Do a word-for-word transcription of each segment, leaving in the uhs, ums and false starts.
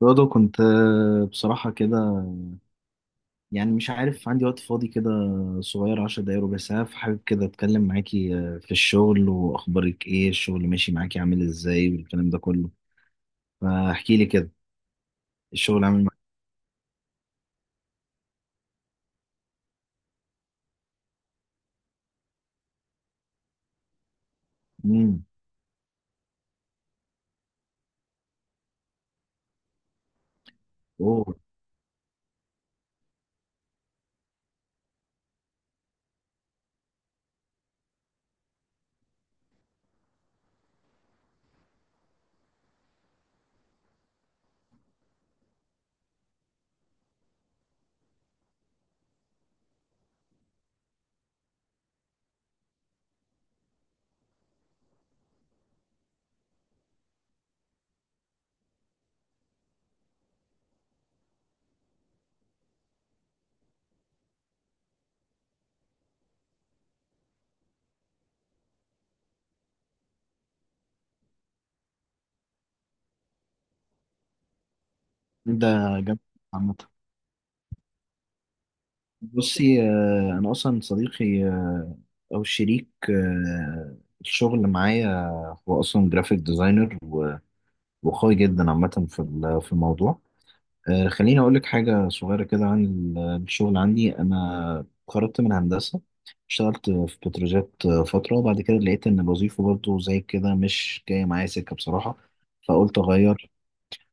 برضه كنت آه، بصراحة كده. يعني مش عارف، عندي وقت فاضي كده صغير، عشر دقايق ربع ساعة، فحابب كده أتكلم معاكي آه، في الشغل وأخبارك إيه. الشغل ماشي معاكي؟ عامل إزاي والكلام ده كله؟ فاحكي لي كده. الشغل عامل معاكي؟ مم. أوه. ده جامد عامة. بصي، آه، أنا أصلا صديقي آه، أو شريك آه، الشغل معايا، هو أصلا جرافيك ديزاينر وقوي جدا عامة في ال- في الموضوع. آه، خليني أقول لك حاجة صغيرة كده عن ال- الشغل. عندي أنا خرجت من هندسة، اشتغلت في بتروجيت آه، فترة، وبعد كده لقيت إن الوظيفة برضو زي كده مش جاية معايا سكة بصراحة، فقلت أغير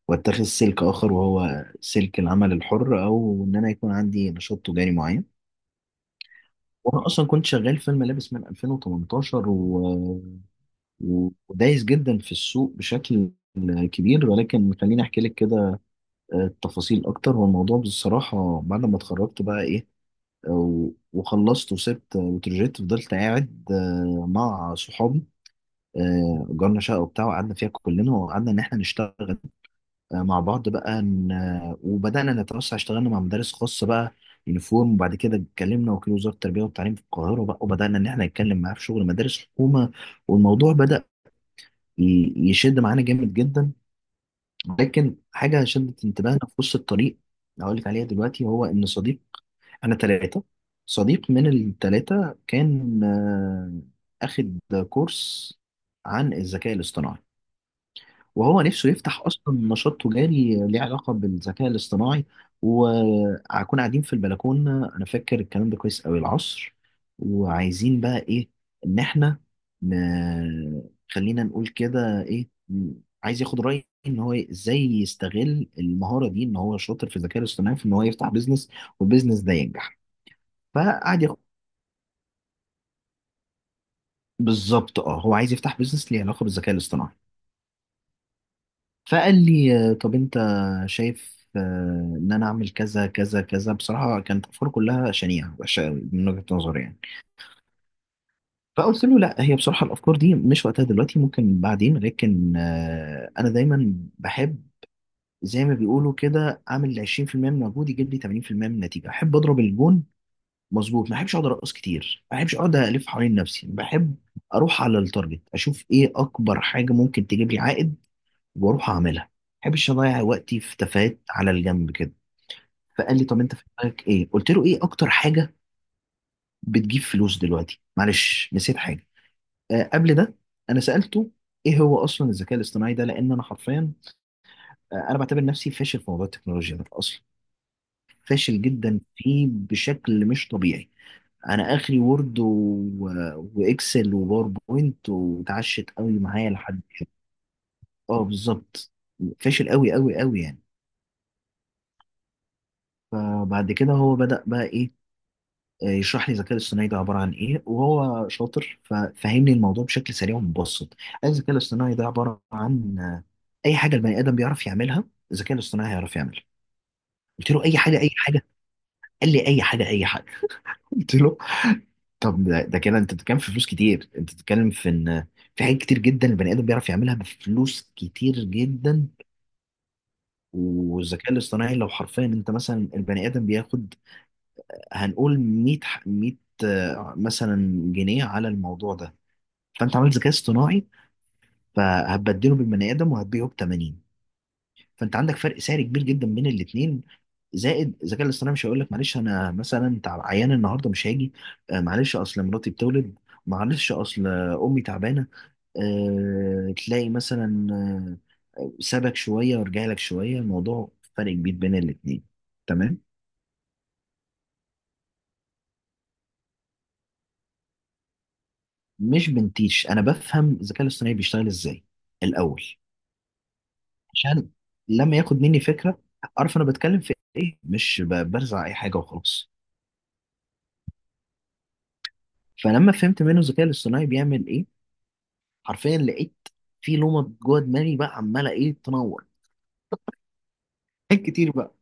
وأتخذ سلك آخر، وهو سلك العمل الحر أو إن أنا يكون عندي نشاط تجاري معين. وأنا أصلا كنت شغال في الملابس من ألفين وتمنتاشر و... ودايس جدا في السوق بشكل كبير، ولكن خليني أحكي لك كده التفاصيل اكتر. والموضوع بصراحه بعد ما اتخرجت بقى ايه، و- وخلصت وسبت وترجيت، فضلت قاعد آه، مع صحابي. آه، اجرنا شقه وبتاع وقعدنا فيها كلنا، وقعدنا ان احنا نشتغل آه، مع بعض بقى. ن- آه، وبدانا نتوسع، اشتغلنا مع مدارس خاصه بقى يونيفورم، وبعد كده اتكلمنا وكيل وزاره التربيه والتعليم في القاهره بقى، وبدانا ان احنا نتكلم معاه في شغل مدارس حكومه. والموضوع بدا ي- يشد معانا جامد جدا. لكن حاجة شدت انتباهنا في وسط الطريق هقول لك عليها دلوقتي، هو إن صديق أنا تلاتة، صديق من التلاتة كان آه، أخد كورس عن الذكاء الاصطناعي، وهو نفسه يفتح اصلا نشاط تجاري ليه علاقه بالذكاء الاصطناعي. وهكون قاعدين في البلكونه، انا فاكر الكلام ده كويس قوي، العصر، وعايزين بقى ايه، ان احنا ن- خلينا نقول كده ايه، م- عايز ياخد رايي ان هو ازاي يستغل المهاره دي، ان هو شاطر في الذكاء الاصطناعي، في ان هو يفتح بيزنس والبيزنس ده ينجح. فقعد ياخد. بالظبط اه هو عايز يفتح بيزنس ليه علاقه بالذكاء الاصطناعي. فقال لي آه، طب انت شايف آه، ان انا اعمل كذا كذا كذا. بصراحه كانت افكار كلها شنيعه وحشه أوي من وجهه نظري يعني. فقلت له لا، هي بصراحه الافكار دي مش وقتها دلوقتي، ممكن بعدين، لكن آه، انا دايما بحب زي ما بيقولوا كده، اعمل عشرين في المية من مجهود يجيب لي ثمانين في المية من النتيجه. احب اضرب الجون مظبوط، ما احبش اقعد ارقص كتير، ما احبش اقعد الف حوالين نفسي، بحب اروح على التارجت، اشوف ايه اكبر حاجه ممكن تجيب لي عائد واروح اعملها. ما بحبش اضيع وقتي في تفاهات على الجنب كده. فقال لي طب انت في دماغك ايه؟ قلت له ايه اكتر حاجه بتجيب فلوس دلوقتي؟ معلش نسيت حاجه. آه قبل ده انا سالته ايه هو اصلا الذكاء الاصطناعي ده، لان انا حرفيا، آه انا بعتبر نفسي فاشل في موضوع التكنولوجيا ده اصلا. فاشل جدا فيه بشكل مش طبيعي. انا اخري وورد و... واكسل وباوربوينت، واتعشت قوي معايا لحد. اه بالظبط. فاشل قوي قوي قوي يعني. فبعد كده هو بدأ بقى ايه يشرح لي الذكاء الاصطناعي ده عبارة عن إيه، وهو شاطر ففهمني الموضوع بشكل سريع ومبسط. الذكاء الاصطناعي ده عبارة عن، آه، أي حاجة البني آدم بيعرف يعملها، الذكاء الاصطناعي هيعرف يعملها. قلت له أي حاجة أي حاجة؟ قال لي أي حاجة أي حاجة. قلت له طب ده, ده كده أنت بتتكلم في فلوس كتير، أنت بتتكلم في إن في حاجات كتير جدا البني آدم بيعرف يعملها بفلوس كتير جدا، والذكاء الاصطناعي لو حرفيا أنت مثلا، البني آدم بياخد هنقول مية، مية آه، مثلا جنيه على الموضوع ده، فانت عملت ذكاء اصطناعي فهتبدله بالبني ادم، وهتبيعه ب تمانين، فانت عندك فرق سعر كبير جدا بين الاثنين. زائد الذكاء الاصطناعي مش هيقول لك معلش انا مثلا تع- عيان النهارده مش هاجي، آه، معلش اصل مراتي بتولد، معلش اصل آه، امي تعبانه، آه، تلاقي مثلا آه، سابك شويه ورجع لك شويه. الموضوع فرق كبير بين الاثنين. تمام. مش بنتيش، انا بفهم الذكاء الاصطناعي بيشتغل ازاي الاول، عشان لما ياخد مني فكره اعرف انا بتكلم في ايه، مش ب- برزع اي حاجه وخلاص. فلما فهمت منه الذكاء الاصطناعي بيعمل ايه، حرفيا لقيت في لومه جوه دماغي بقى عماله ايه، تنور حاجات كتير بقى.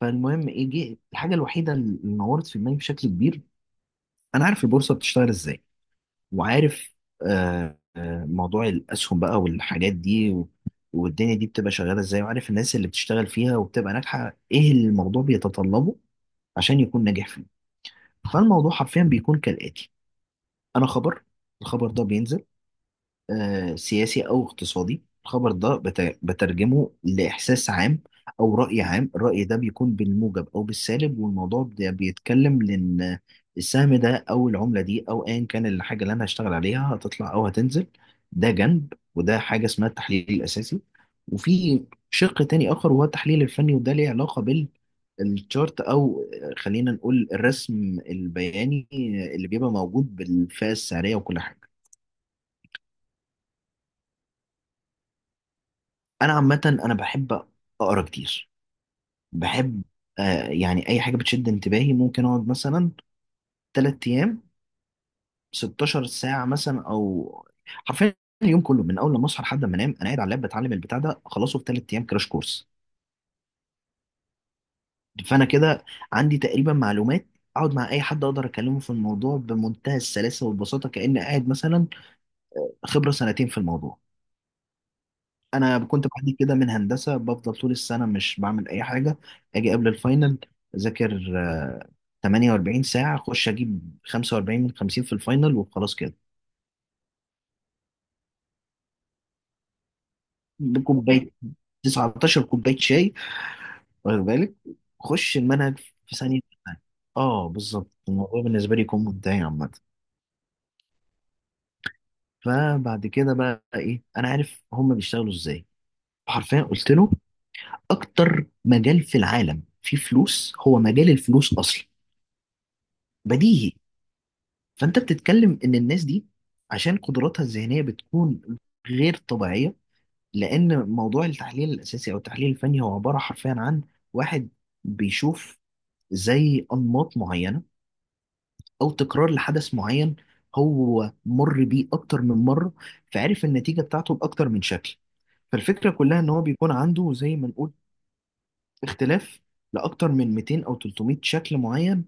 فالمهم ايه، جه الحاجه الوحيده اللي نورت في دماغي بشكل كبير، انا عارف البورصه بتشتغل ازاي، وعارف آه آه موضوع الاسهم بقى والحاجات دي، و- والدنيا دي بتبقى شغاله ازاي، وعارف الناس اللي بتشتغل فيها وبتبقى ناجحه، ايه اللي الموضوع بيتطلبه عشان يكون ناجح. فالموضوع حرفيا بيكون كالآتي، أنا خبر، الخبر ده بينزل، آه، سياسي أو اقتصادي، الخبر ده بت- بترجمه لإحساس عام أو رأي عام. الرأي ده بيكون بالموجب أو بالسالب، والموضوع ده بيتكلم لأن السهم ده أو العملة دي أو أيا كان الحاجة اللي أنا هشتغل عليها هتطلع أو هتنزل. ده جنب، وده حاجة اسمها التحليل الأساسي، وفي شق تاني آخر وهو التحليل الفني، وده ليه علاقة بال الشارت او خلينا نقول الرسم البياني اللي بيبقى موجود بالفئه السعريه وكل حاجه. انا عامه انا بحب اقرا كتير. بحب، آه يعني اي حاجه بتشد انتباهي ممكن اقعد مثلا تلات ايام ستاشر ساعه مثلا، او حرفيا اليوم كله من اول ما اصحى لحد ما انام، انا قاعد على اللاب بتعلم البتاع ده اخلصه في تلات ايام، كراش كورس. فانا كده عندي تقريبا معلومات اقعد مع اي حد اقدر اكلمه في الموضوع بمنتهى السلاسه والبساطه، كاني قاعد مثلا خبره سنتين في الموضوع. انا كنت بعاني كده من هندسه، بفضل طول السنه مش بعمل اي حاجه، اجي قبل الفاينل اذاكر آه، تمنية واربعين ساعه، اخش اجيب خمسة واربعين من خمسين في الفاينل وخلاص كده. بكوبايه تسعتاشر كوبايه شاي، واخد بالك، خش المنهج في ثانيه. اه بالظبط، الموضوع بالنسبه لي يكون منتهي عامه. فبعد كده بقى ايه، انا عارف هم بيشتغلوا ازاي. حرفيا قلت له اكتر مجال في العالم فيه فلوس هو مجال الفلوس اصلا، بديهي. فانت بتتكلم ان الناس دي عشان قدراتها الذهنيه بتكون غير طبيعيه، لان موضوع التحليل الاساسي او التحليل الفني هو عباره حرفيا عن واحد بيشوف زي انماط معينه او تكرار لحدث معين هو مر بيه اكتر من مره، فعرف النتيجه بتاعته باكتر من شكل. فالفكره كلها ان هو بيكون عنده زي ما نقول اختلاف لاكتر من مئتين او تلتمية شكل معين.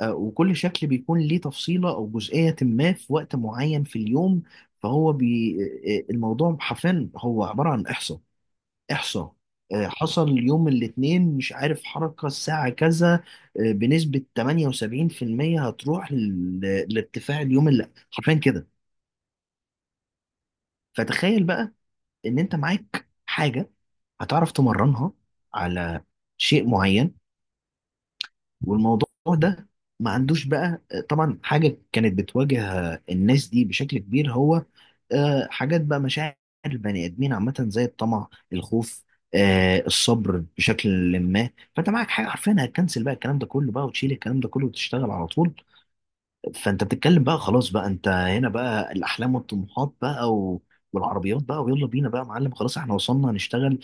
آه، وكل شكل بيكون ليه تفصيلة أو جزئية ما في وقت معين في اليوم. فهو بي... آه، آه، الموضوع حرفيا هو عبارة عن إحصاء إحصاء. آه، حصل يوم الاثنين مش عارف حركة الساعة كذا، آه، بنسبة ثمانية وسبعين في المية هتروح ل- لارتفاع اليوم اللي حرفيا كده. فتخيل بقى إن أنت معاك حاجة هتعرف تمرنها على شيء معين، والموضوع ده ما عندوش بقى طبعا حاجة كانت بتواجه الناس دي بشكل كبير، هو، آه، حاجات بقى مشاعر البني آدمين عامة زي الطمع، الخوف، آه، الصبر بشكل ما. فانت معاك حاجة حرفيا هتكنسل بقى الكلام ده كله بقى، وتشيل الكلام ده كله وتشتغل على طول. فانت بتتكلم بقى خلاص بقى، انت هنا بقى الأحلام والطموحات بقى و... والعربيات بقى، ويلا بينا بقى يا معلم، خلاص احنا وصلنا هنشتغل.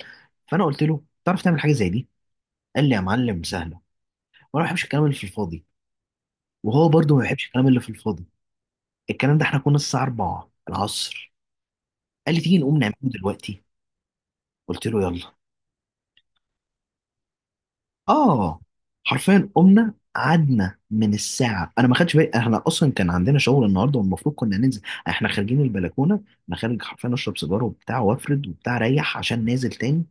فانا قلت له تعرف تعمل حاجة زي دي؟ قال لي يا معلم سهلة. وانا ما بحبش الكلام اللي في الفاضي، وهو برضه ما بيحبش الكلام اللي في الفاضي. الكلام ده احنا كنا الساعة اربعة العصر، قال لي تيجي نقوم نعمله دلوقتي. قلت له يلا. اه حرفيا قمنا قعدنا من الساعة، أنا ما خدتش بالي احنا أصلا كان عندنا شغل النهاردة والمفروض كنا ننزل. احنا خارجين البلكونة، أنا خارج حرفيا أشرب سيجارة وبتاع وأفرد وبتاع أريح عشان نازل تاني.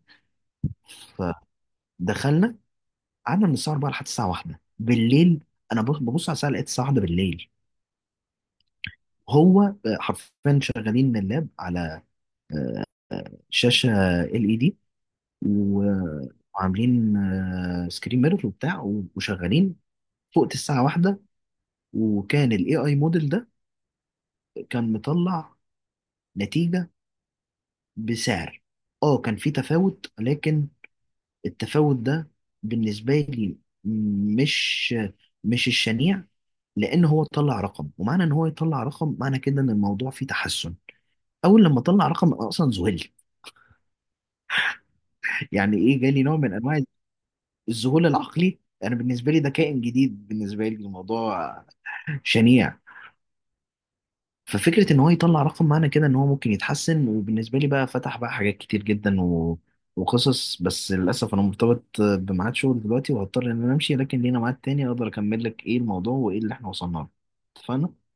فدخلنا قعدنا من الساعة اربعة لحد الساعة واحدة بالليل. أنا ببص ببص على الساعة لقيت الساعة واحدة بالليل. هو آه، حرفيا شغالين اللاب على شاشة ال اي دي، و- وعاملين آه، سكرين ميرور وبتاع، و- وشغالين. فوقت الساعة واحدة، وكان الاي اي موديل ده كان مطلع نتيجة بسعر، اه كان في تفاوت، لكن التفاوت ده بالنسبة لي مش مش الشنيع، لان هو طلع رقم، ومعنى ان هو يطلع رقم، معنى كده ان الموضوع فيه تحسن. اول لما طلع رقم أنا اصلا ذهلت. يعني ايه، جالي نوع من انواع الذهول العقلي. انا بالنسبه لي ده كائن جديد، بالنسبه لي الموضوع شنيع. ففكرة ان هو يطلع رقم معنى كده ان هو ممكن يتحسن، وبالنسبة لي بقى فتح بقى حاجات كتير جدا و... وقصص، بس للأسف انا مرتبط بميعاد شغل دلوقتي وهضطر ان انا امشي، لكن لينا ميعاد تاني اقدر اكمل لك ايه الموضوع وايه اللي احنا وصلنا له. اتفقنا؟